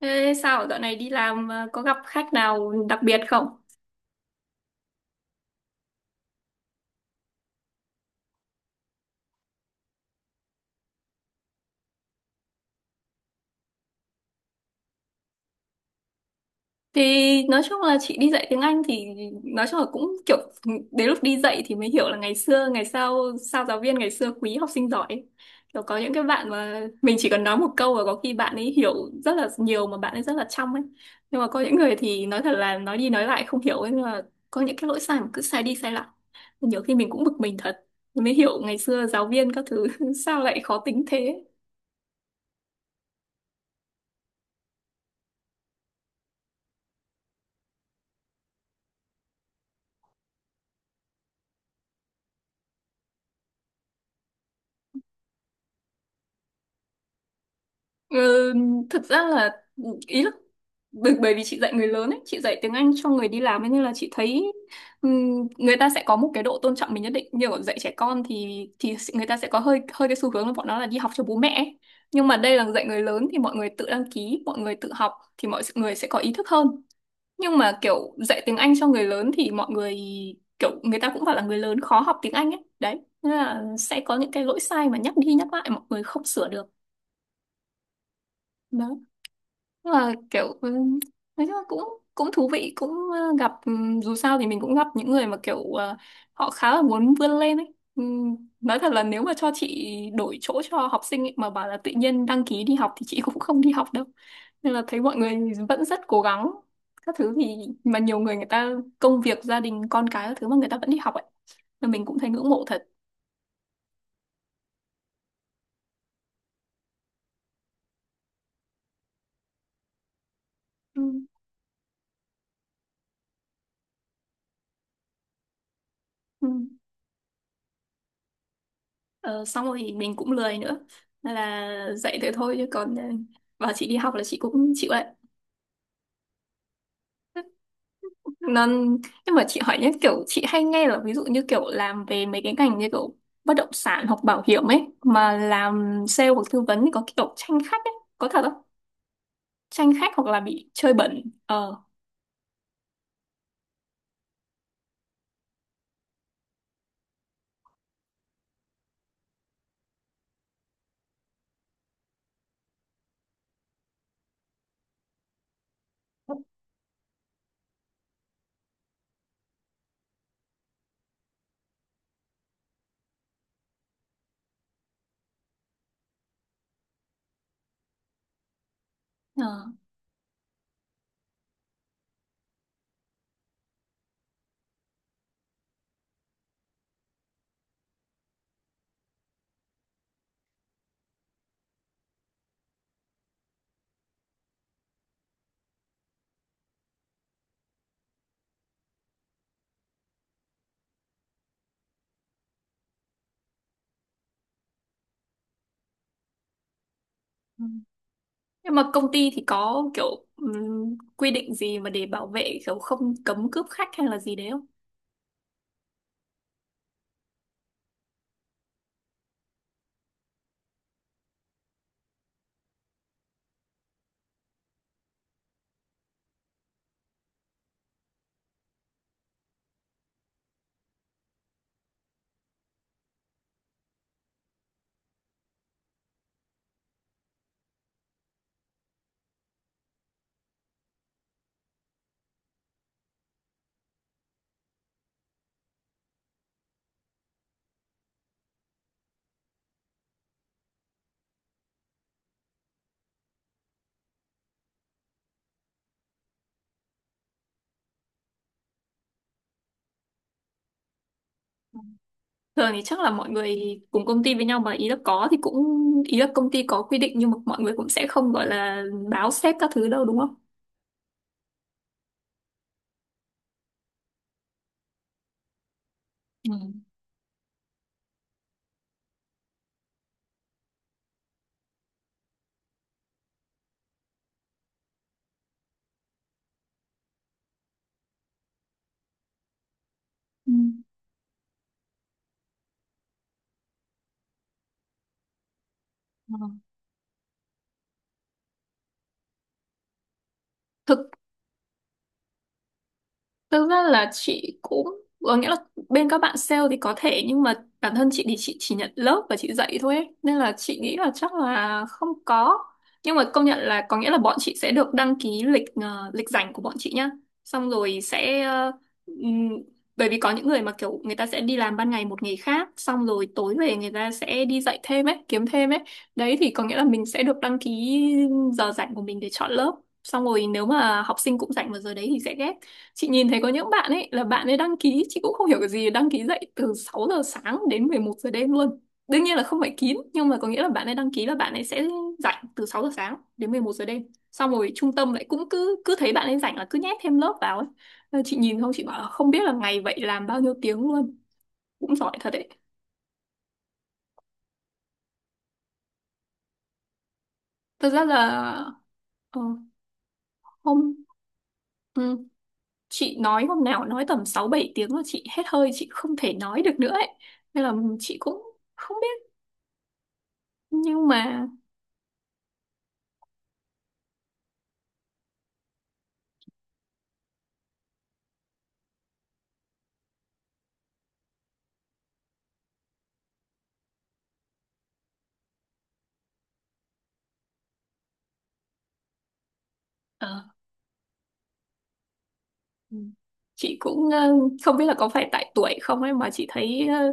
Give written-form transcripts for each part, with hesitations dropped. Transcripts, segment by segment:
Thế sao dạo này đi làm có gặp khách nào đặc biệt không? Thì nói chung là chị đi dạy tiếng Anh thì nói chung là cũng kiểu đến lúc đi dạy thì mới hiểu là ngày xưa ngày sau sao giáo viên ngày xưa quý học sinh giỏi ấy. Kiểu có những cái bạn mà mình chỉ cần nói một câu và có khi bạn ấy hiểu rất là nhiều mà bạn ấy rất là trong ấy. Nhưng mà có những người thì nói thật là nói đi nói lại không hiểu ấy, nhưng mà có những cái lỗi sai mà cứ sai đi sai lại. Nhiều khi mình cũng bực mình thật. Mới hiểu ngày xưa giáo viên các thứ sao lại khó tính thế. Ừ, thực ra là ý là bởi bởi vì chị dạy người lớn ấy, chị dạy tiếng Anh cho người đi làm ấy, nên là chị thấy người ta sẽ có một cái độ tôn trọng mình nhất định. Như ở dạy trẻ con thì người ta sẽ có hơi hơi cái xu hướng là bọn nó là đi học cho bố mẹ ấy. Nhưng mà đây là dạy người lớn thì mọi người tự đăng ký, mọi người tự học thì mọi người sẽ có ý thức hơn. Nhưng mà kiểu dạy tiếng Anh cho người lớn thì mọi người kiểu người ta cũng bảo là người lớn khó học tiếng Anh ấy. Đấy, nên là sẽ có những cái lỗi sai mà nhắc đi nhắc lại mọi người không sửa được. Đó. Nhưng mà kiểu nói chung là cũng cũng thú vị, cũng gặp dù sao thì mình cũng gặp những người mà kiểu họ khá là muốn vươn lên ấy. Ừ, nói thật là nếu mà cho chị đổi chỗ cho học sinh ấy, mà bảo là tự nhiên đăng ký đi học thì chị cũng không đi học đâu, nên là thấy mọi người vẫn rất cố gắng các thứ thì mà nhiều người người ta công việc gia đình con cái các thứ mà người ta vẫn đi học ấy là mình cũng thấy ngưỡng mộ thật. ừ. Ừ. Ờ, xong rồi thì mình cũng lười nữa nên là dạy thế thôi, chứ còn bảo chị đi học là chị cũng chịu đấy. Nên nhưng mà chị hỏi nhé, kiểu chị hay nghe là ví dụ như kiểu làm về mấy cái ngành như kiểu bất động sản hoặc bảo hiểm ấy mà làm sale hoặc tư vấn thì có kiểu tranh khách ấy, có thật không, tranh khách hoặc là bị chơi bẩn ờ. Ừ. Nhưng mà công ty thì có kiểu quy định gì mà để bảo vệ kiểu không, cấm cướp khách hay là gì đấy? Thường thì chắc là mọi người cùng công ty với nhau mà, ý là có thì cũng ý là công ty có quy định nhưng mà mọi người cũng sẽ không gọi là báo sếp các thứ đâu, đúng không? Ừ. Ừ. Ừ. Thực Thực ra là chị cũng có nghĩa là bên các bạn sale thì có thể, nhưng mà bản thân chị thì chị chỉ nhận lớp và chị dạy thôi ấy. Nên là chị nghĩ là chắc là không có. Nhưng mà công nhận là có nghĩa là bọn chị sẽ được đăng ký lịch lịch rảnh của bọn chị nhá. Xong rồi sẽ ừm, bởi vì có những người mà kiểu người ta sẽ đi làm ban ngày một nghề khác, xong rồi tối về người ta sẽ đi dạy thêm ấy, kiếm thêm ấy. Đấy thì có nghĩa là mình sẽ được đăng ký giờ rảnh của mình để chọn lớp. Xong rồi nếu mà học sinh cũng rảnh vào giờ đấy thì sẽ ghép. Chị nhìn thấy có những bạn ấy là bạn ấy đăng ký, chị cũng không hiểu cái gì, đăng ký dậy từ 6 giờ sáng đến 11 giờ đêm luôn. Đương nhiên là không phải kín, nhưng mà có nghĩa là bạn ấy đăng ký là bạn ấy sẽ rảnh từ 6 giờ sáng đến 11 giờ đêm. Xong rồi trung tâm lại cũng cứ cứ thấy bạn ấy rảnh là cứ nhét thêm lớp vào ấy. Nên chị nhìn không, chị bảo là không biết là ngày vậy làm bao nhiêu tiếng luôn. Cũng giỏi thật đấy. Thật ra là ờ, hôm ừ, chị nói hôm nào nói tầm 6 7 tiếng là chị hết hơi, chị không thể nói được nữa ấy. Nên là chị cũng không biết, nhưng mà. Ờ. Ừ. Chị cũng không biết là có phải tại tuổi không ấy mà chị thấy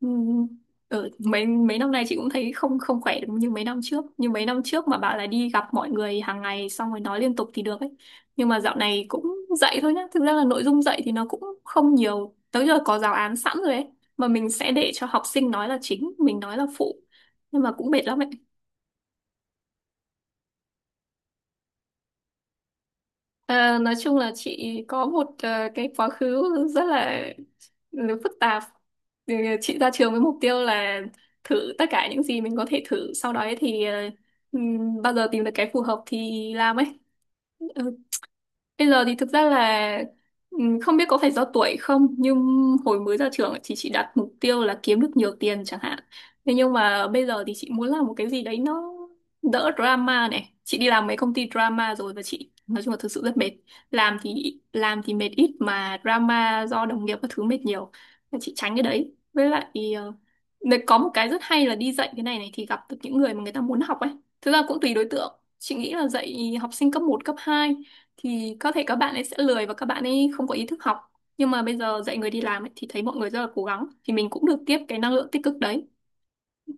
ừm, mấy mấy năm nay chị cũng thấy không không khỏe được, như mấy năm trước mà bảo là đi gặp mọi người hàng ngày xong rồi nói liên tục thì được ấy, nhưng mà dạo này cũng dạy thôi nhá, thực ra là nội dung dạy thì nó cũng không nhiều, tới giờ có giáo án sẵn rồi ấy, mà mình sẽ để cho học sinh nói là chính, mình nói là phụ, nhưng mà cũng mệt lắm ấy. À, nói chung là chị có một cái quá khứ rất là phức tạp. Ừ, chị ra trường với mục tiêu là thử tất cả những gì mình có thể thử, sau đó ấy thì bao giờ tìm được cái phù hợp thì làm ấy. Ừ, bây giờ thì thực ra là không biết có phải do tuổi không, nhưng hồi mới ra trường ấy thì chị đặt mục tiêu là kiếm được nhiều tiền chẳng hạn. Thế nhưng mà bây giờ thì chị muốn làm một cái gì đấy nó đỡ drama này. Chị đi làm mấy công ty drama rồi và chị nói chung là thực sự rất mệt. Làm thì mệt ít mà drama do đồng nghiệp các thứ mệt nhiều. Nên chị tránh cái đấy. Với lại ờ, nếu có một cái rất hay là đi dạy cái này này thì gặp được những người mà người ta muốn học ấy. Thực ra cũng tùy đối tượng. Chị nghĩ là dạy học sinh cấp một cấp 2 thì có thể các bạn ấy sẽ lười và các bạn ấy không có ý thức học, nhưng mà bây giờ dạy người đi làm ấy, thì thấy mọi người rất là cố gắng thì mình cũng được tiếp cái năng lượng tích cực đấy,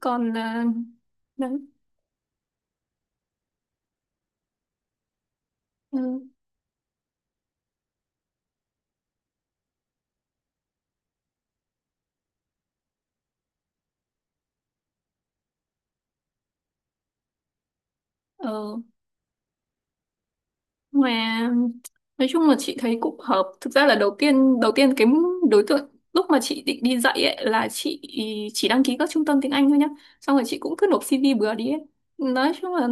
còn đấy. ừ. ờ, mà nói chung là chị thấy cũng hợp, thực ra là đầu tiên cái đối tượng lúc mà chị định đi dạy ấy là chị chỉ đăng ký các trung tâm tiếng Anh thôi nhá, xong rồi chị cũng cứ nộp CV bừa đi ấy. Nói chung là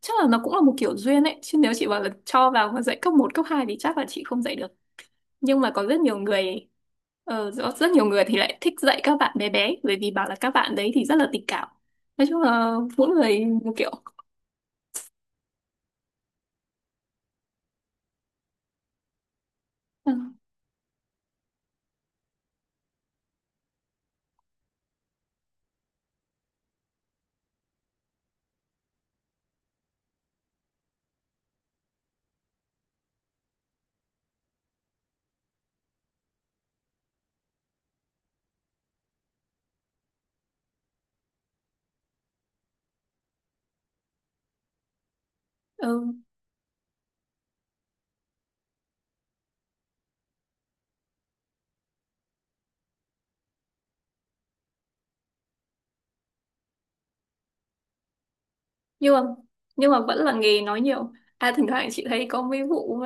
chắc là nó cũng là một kiểu duyên ấy, chứ nếu chị bảo là cho vào mà dạy cấp một cấp 2 thì chắc là chị không dạy được, nhưng mà có rất nhiều người. Rất nhiều người thì lại thích dạy các bạn bé bé bởi vì bảo là các bạn đấy thì rất là tình cảm. Nói chung là mỗi người một kiểu. ừ. ừ. nhưng mà nhưng mà vẫn là nghề nói nhiều. À, thỉnh thoảng chị thấy có mấy vụ,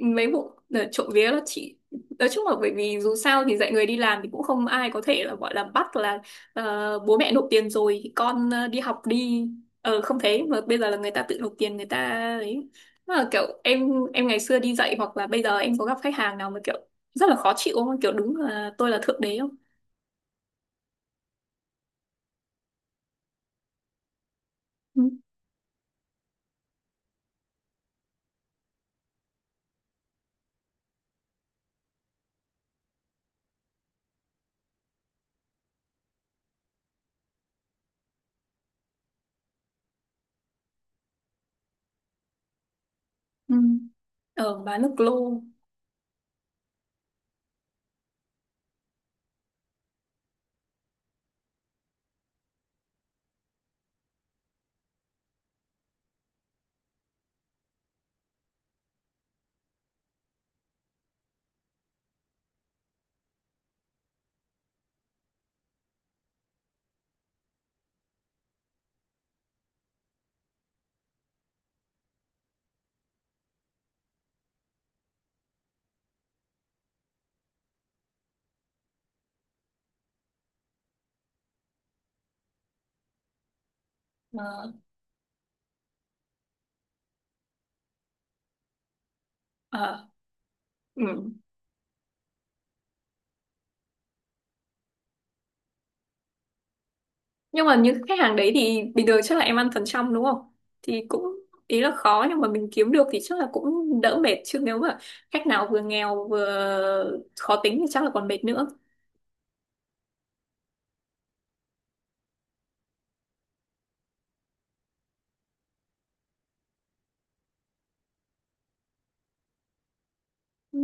trộm vía là chị nói chung là bởi vì dù sao thì dạy người đi làm thì cũng không ai có thể là gọi là bắt là bố mẹ nộp tiền rồi thì con đi học đi, không, thế mà bây giờ là người ta tự nộp tiền người ta ấy, mà là kiểu em ngày xưa đi dạy hoặc là bây giờ em có gặp khách hàng nào mà kiểu rất là khó chịu không, kiểu đúng là tôi là thượng đế không? Ừ. Ừ. Bán nước lô mà ờ ừ. Nhưng mà những khách hàng đấy thì bình thường chắc là em ăn phần trăm đúng không, thì cũng ý là khó nhưng mà mình kiếm được thì chắc là cũng đỡ mệt, chứ nếu mà khách nào vừa nghèo vừa khó tính thì chắc là còn mệt nữa. Ừ.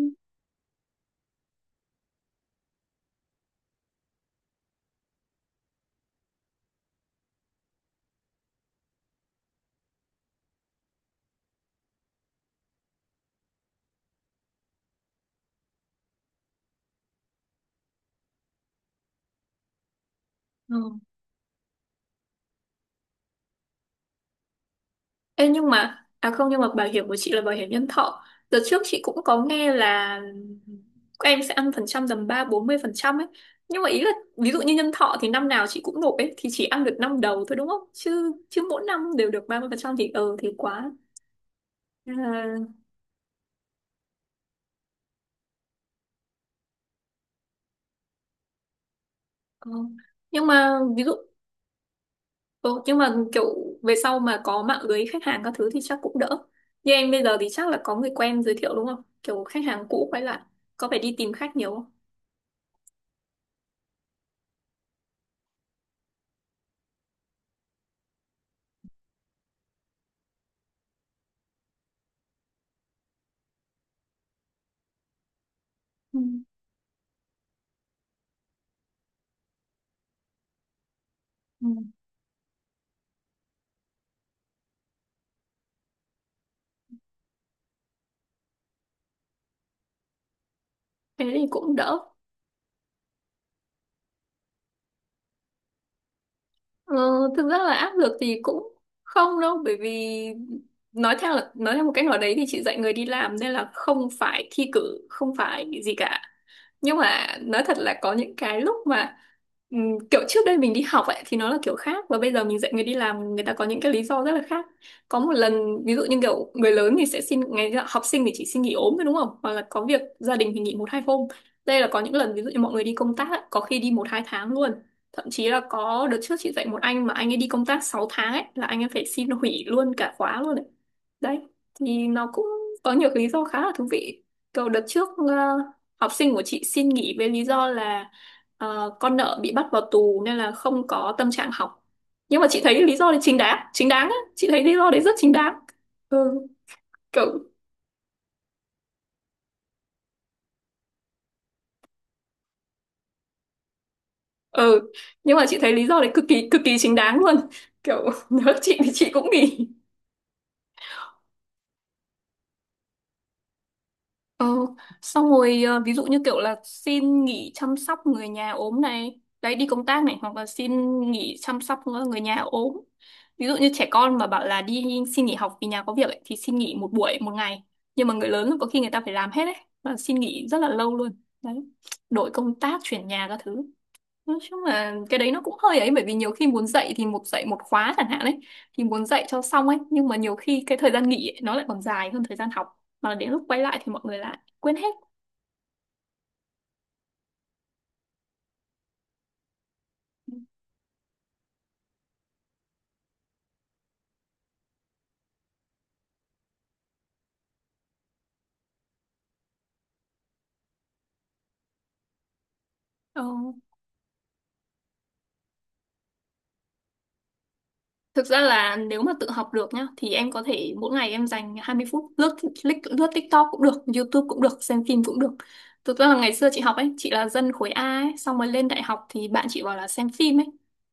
Ừ. Ê, nhưng mà không, nhưng mà bảo hiểm của chị là bảo hiểm nhân thọ, đợt trước chị cũng có nghe là các em sẽ ăn phần trăm tầm 30-40% ấy, nhưng mà ý là ví dụ như nhân thọ thì năm nào chị cũng nộp ấy thì chỉ ăn được năm đầu thôi đúng không, chứ chứ mỗi năm đều được 30% thì thì quá. Ờ. Ờ. Nhưng mà ví dụ ờ, nhưng mà kiểu về sau mà có mạng lưới khách hàng các thứ thì chắc cũng đỡ. Như em bây giờ thì chắc là có người quen giới thiệu đúng không? Kiểu khách hàng cũ quay lại có phải đi tìm khách nhiều không? Ừ, ừ, thế thì cũng đỡ. Ờ, thực ra là áp lực thì cũng không đâu, bởi vì nói theo là nói theo một cách nào đấy thì chị dạy người đi làm nên là không phải thi cử, không phải gì cả. Nhưng mà nói thật là có những cái lúc mà kiểu trước đây mình đi học ấy thì nó là kiểu khác, và bây giờ mình dạy người đi làm, người ta có những cái lý do rất là khác. Có một lần ví dụ như kiểu người lớn thì sẽ xin ngày, học sinh thì chỉ xin nghỉ ốm thôi đúng không, hoặc là có việc gia đình thì nghỉ một hai hôm. Đây là có những lần ví dụ như mọi người đi công tác ấy, có khi đi một hai tháng luôn. Thậm chí là có đợt trước chị dạy một anh mà anh ấy đi công tác 6 tháng ấy, là anh ấy phải xin hủy luôn cả khóa luôn ấy. Đấy, thì nó cũng có nhiều cái lý do khá là thú vị. Kiểu đợt trước học sinh của chị xin nghỉ với lý do là, con nợ bị bắt vào tù nên là không có tâm trạng học. Nhưng mà chị thấy lý do thì chính đáng á, chị thấy lý do đấy rất chính đáng. Ừ, kiểu, ừ, nhưng mà chị thấy lý do đấy cực kỳ chính đáng luôn. Kiểu nếu chị thì chị cũng nghỉ. Ờ, xong rồi ví dụ như kiểu là xin nghỉ chăm sóc người nhà ốm này, đấy, đi công tác này, hoặc là xin nghỉ chăm sóc người nhà ốm. Ví dụ như trẻ con mà bảo là đi xin nghỉ học vì nhà có việc ấy, thì xin nghỉ một buổi một ngày. Nhưng mà người lớn có khi người ta phải làm hết ấy, và xin nghỉ rất là lâu luôn. Đấy. Đổi công tác, chuyển nhà các thứ. Nói chung là cái đấy nó cũng hơi ấy, bởi vì nhiều khi muốn dạy thì một dạy một khóa chẳng hạn ấy, thì muốn dạy cho xong ấy, nhưng mà nhiều khi cái thời gian nghỉ ấy, nó lại còn dài hơn thời gian học, mà đến lúc quay lại thì mọi người lại quên hết. Ờ. Thực ra là nếu mà tự học được nhá thì em có thể mỗi ngày em dành 20 phút lướt lướt TikTok cũng được, YouTube cũng được, xem phim cũng được. Thực ra là ngày xưa chị học ấy, chị là dân khối A ấy, xong rồi lên đại học thì bạn chị bảo là xem phim ấy.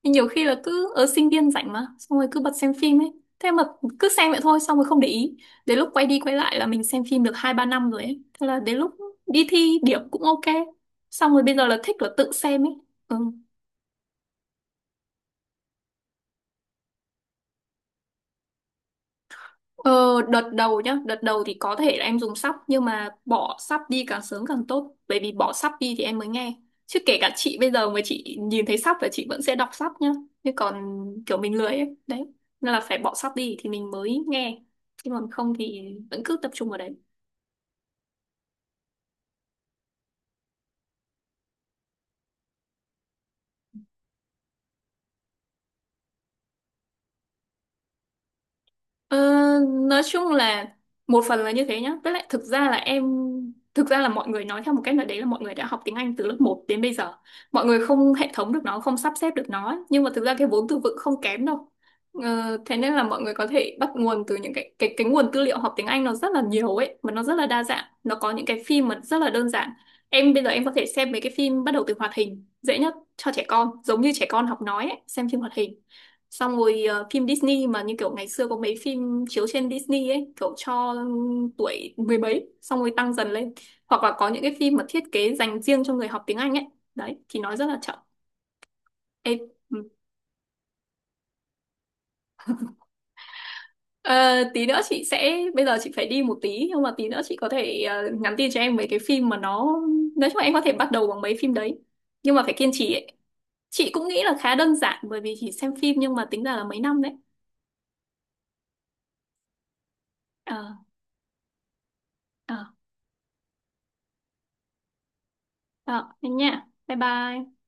Nhưng nhiều khi là cứ ở sinh viên rảnh mà, xong rồi cứ bật xem phim ấy. Thế mà cứ xem vậy thôi xong rồi không để ý. Đến lúc quay đi quay lại là mình xem phim được 2 3 năm rồi ấy. Thế là đến lúc đi thi điểm cũng ok. Xong rồi bây giờ là thích là tự xem ấy. Ừ. Ờ, đợt đầu nhá, đợt đầu thì có thể là em dùng sắp, nhưng mà bỏ sắp đi càng sớm càng tốt, bởi vì bỏ sắp đi thì em mới nghe. Chứ kể cả chị bây giờ mà chị nhìn thấy sắp là chị vẫn sẽ đọc sắp nhá. Nhưng còn kiểu mình lười ấy đấy, nên là phải bỏ sắp đi thì mình mới nghe, chứ còn không thì vẫn cứ tập trung vào đấy. Ờ, nói chung là một phần là như thế nhá. Tức là thực ra là em Thực ra là mọi người nói theo một cách nào đấy là mọi người đã học tiếng Anh từ lớp một đến bây giờ. Mọi người không hệ thống được nó, không sắp xếp được nó, ấy. Nhưng mà thực ra cái vốn từ vựng không kém đâu. Ờ, thế nên là mọi người có thể bắt nguồn từ những cái cái nguồn tư liệu học tiếng Anh, nó rất là nhiều ấy, mà nó rất là đa dạng. Nó có những cái phim mà rất là đơn giản. Em bây giờ em có thể xem mấy cái phim, bắt đầu từ hoạt hình, dễ nhất cho trẻ con, giống như trẻ con học nói ấy, xem phim hoạt hình, xong rồi phim Disney mà như kiểu ngày xưa có mấy phim chiếu trên Disney ấy, kiểu cho tuổi mười mấy, xong rồi tăng dần lên. Hoặc là có những cái phim mà thiết kế dành riêng cho người học tiếng Anh ấy, đấy thì nói rất là chậm. Ê, ừ. Ờ, tí nữa chị sẽ, bây giờ chị phải đi một tí, nhưng mà tí nữa chị có thể nhắn tin cho em mấy cái phim mà nó, nói chung là em có thể bắt đầu bằng mấy phim đấy, nhưng mà phải kiên trì ấy. Chị cũng nghĩ là khá đơn giản bởi vì chỉ xem phim, nhưng mà tính ra là mấy năm đấy. Ờ, ờ, đó, thế nha, bye bye.